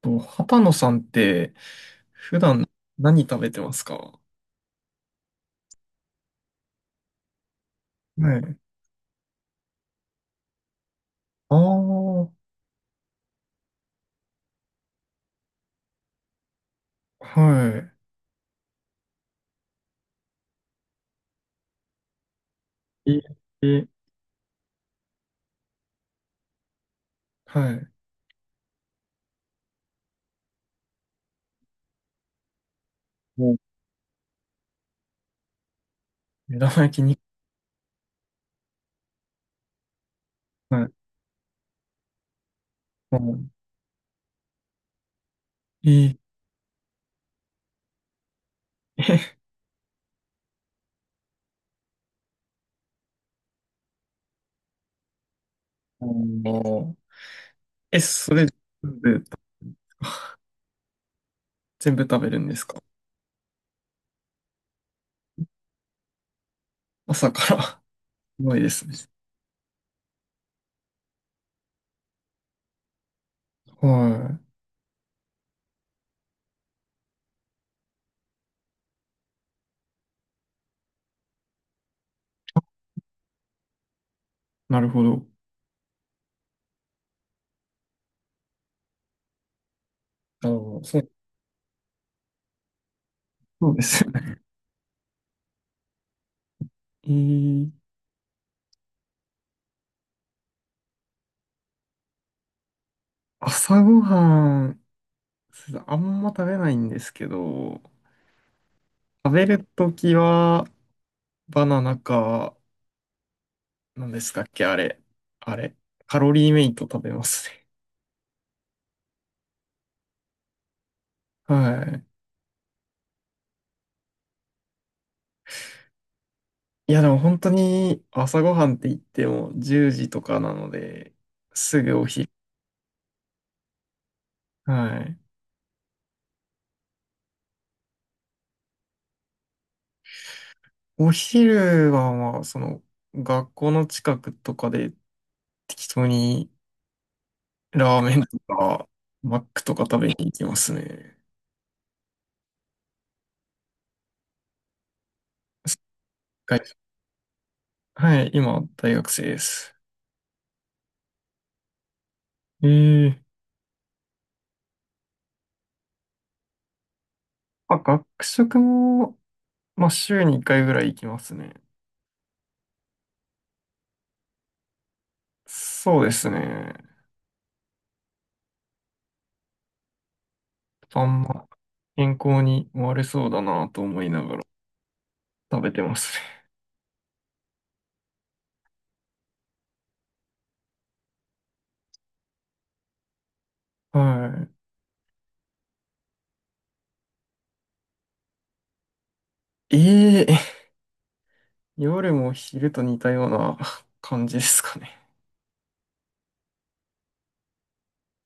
と、畑野さんって、普段何食べてますか？はい。ああ、はい。ええ、はい。もう目玉焼きに、はい。もう、ええ、えあの、それ、部、全部食べるんですか？朝から。すごいですね。はい。なるほど。あの、そう、そうですよね。ええ、朝ごはん、そうだあんま食べないんですけど、食べるときは、バナナか、何ですかっけ、あれ。あれ。カロリーメイト食べますね。はい。いや、でも本当に朝ごはんって言っても10時とかなので、すぐお昼。はい。お昼はまあ、その、学校の近くとかで適当にラーメンとか、マックとか食べに行きますね。はい、はい。今、大学生です。ええ、まあ、学食も、まあ、週に1回ぐらい行きますね。そうですね。あんま健康に悪そうだなと思いながら食べてますね。はい。ええ 夜も昼と似たような感じですかね。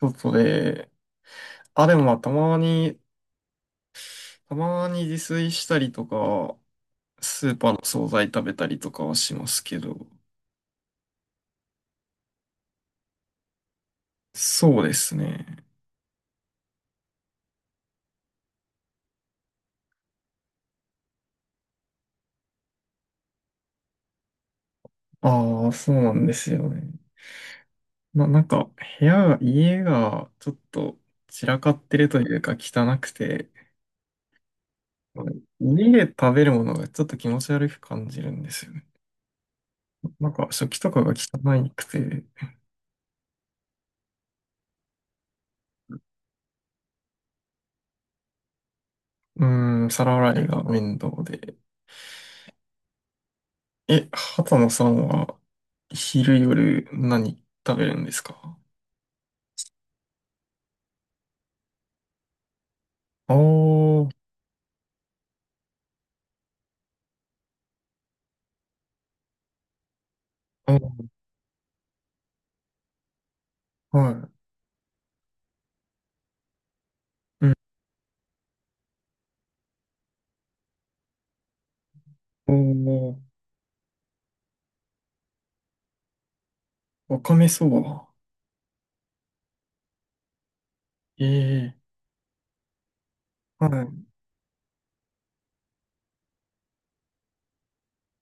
外で、あ、でもまあたまに、自炊したりとか、スーパーの惣菜食べたりとかはしますけど、そうですね。ああ、そうなんですよね。なんか部屋が、家がちょっと散らかってるというか汚くて、家で食べるものがちょっと気持ち悪く感じるんですよね。なんか食器とかが汚くて、うーん、皿洗いが面倒で。畑野さんは昼夜何食べるんですか？あー、あー、はい。うん。おー、わかめそば。ええ、はい。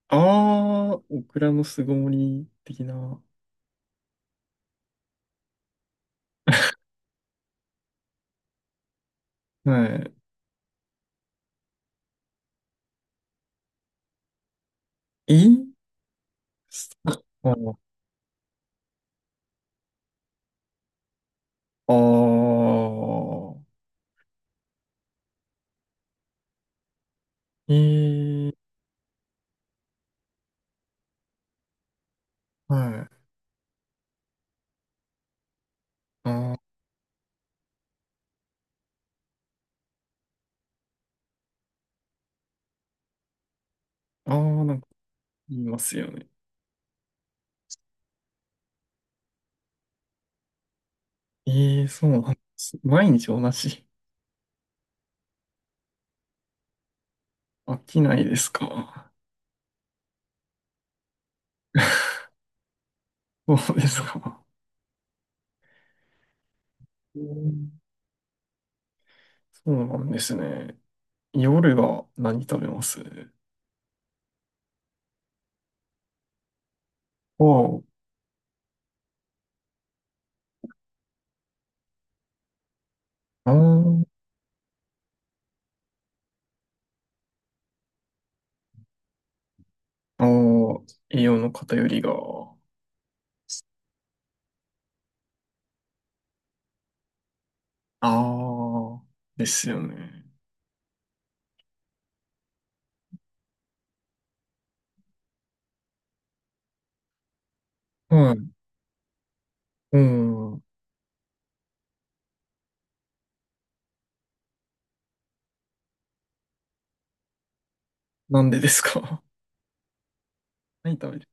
あー、オクラの巣ごもり的な。はい。ああー、ええ、はい。ああ、ああ、なんか言いますよね。ええ、そうなんです。毎日同じ。飽きないですか。そうですか。うん。そうなんですね。夜は何食べます？おう。あー、あー、栄養の偏りが。ああ、ですよね。はい。うん。なんでですか？ 何食べる。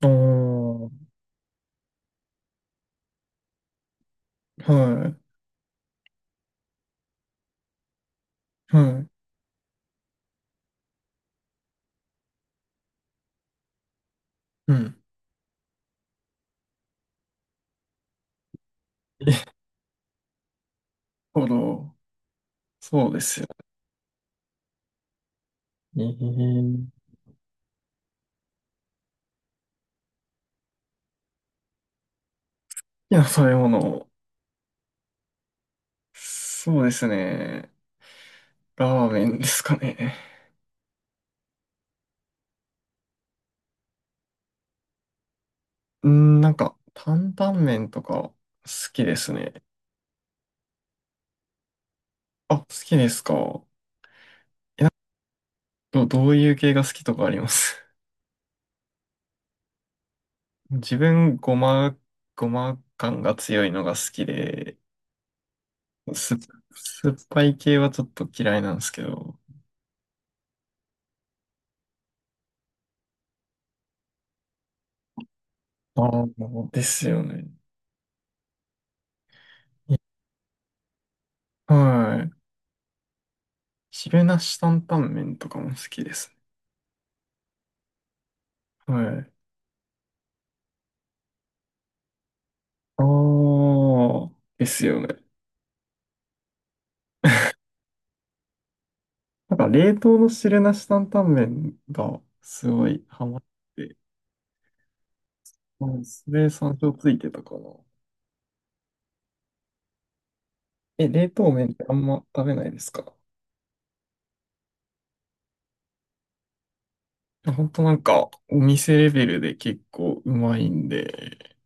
ああー、はい。はい。うん。なるほど。そうですよね。ええ、好きな食べ物。そうですね。ラーメンですかね。うん、なんか、担々麺とか好きですね。あ、好きですか？どういう系が好きとかあります？ 自分、ごま感が強いのが好きで、す、酸っぱい系はちょっと嫌いなんですけど。ああ、ですよね。いはい。汁なし担々麺とかも好きですね。はい。ああ、ですよね。なんか冷凍の汁なし担々麺がすごいハマって、うん。それ山椒ついてたかな。冷凍麺ってあんま食べないですか？ほんとなんかお店レベルで結構うまいんで、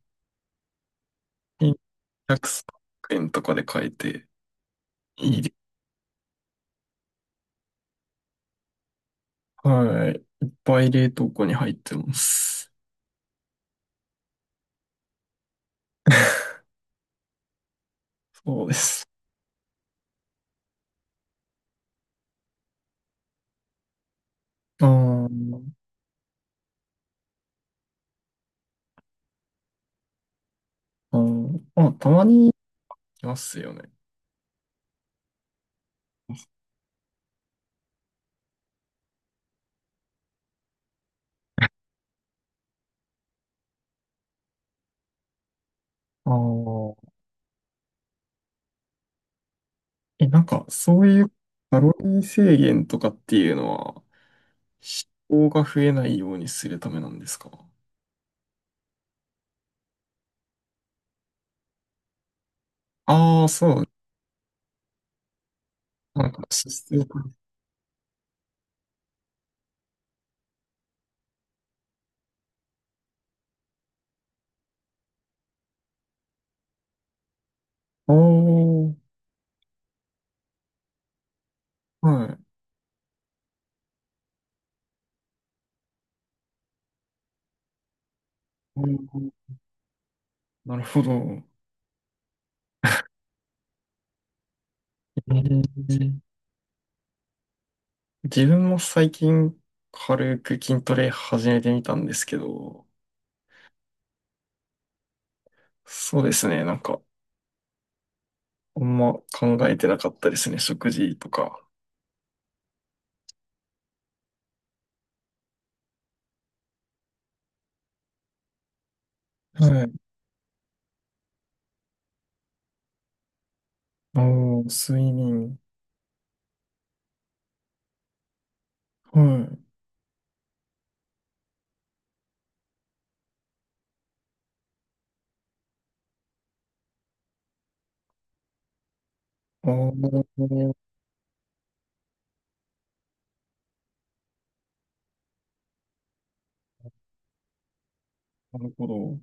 100円とかで買えていいです。はい。いっぱい冷凍庫に入ってます。そうです。うん、うん。まあ、たまにいますよね。ああ。なんか、そういうカロリー制限とかっていうのは、脂肪が増えないようにするためなんですか？ああー、そう。なんか、脂質をる。ああ、はい。うん、なるほど。ー自分も最近、軽く筋トレ始めてみたんですけど、そうですね。なんか、あんま考えてなかったですね。食事とか。はい。ああ、睡眠。はい。ああ、なるほど。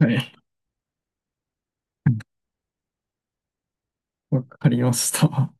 はい。わかりました。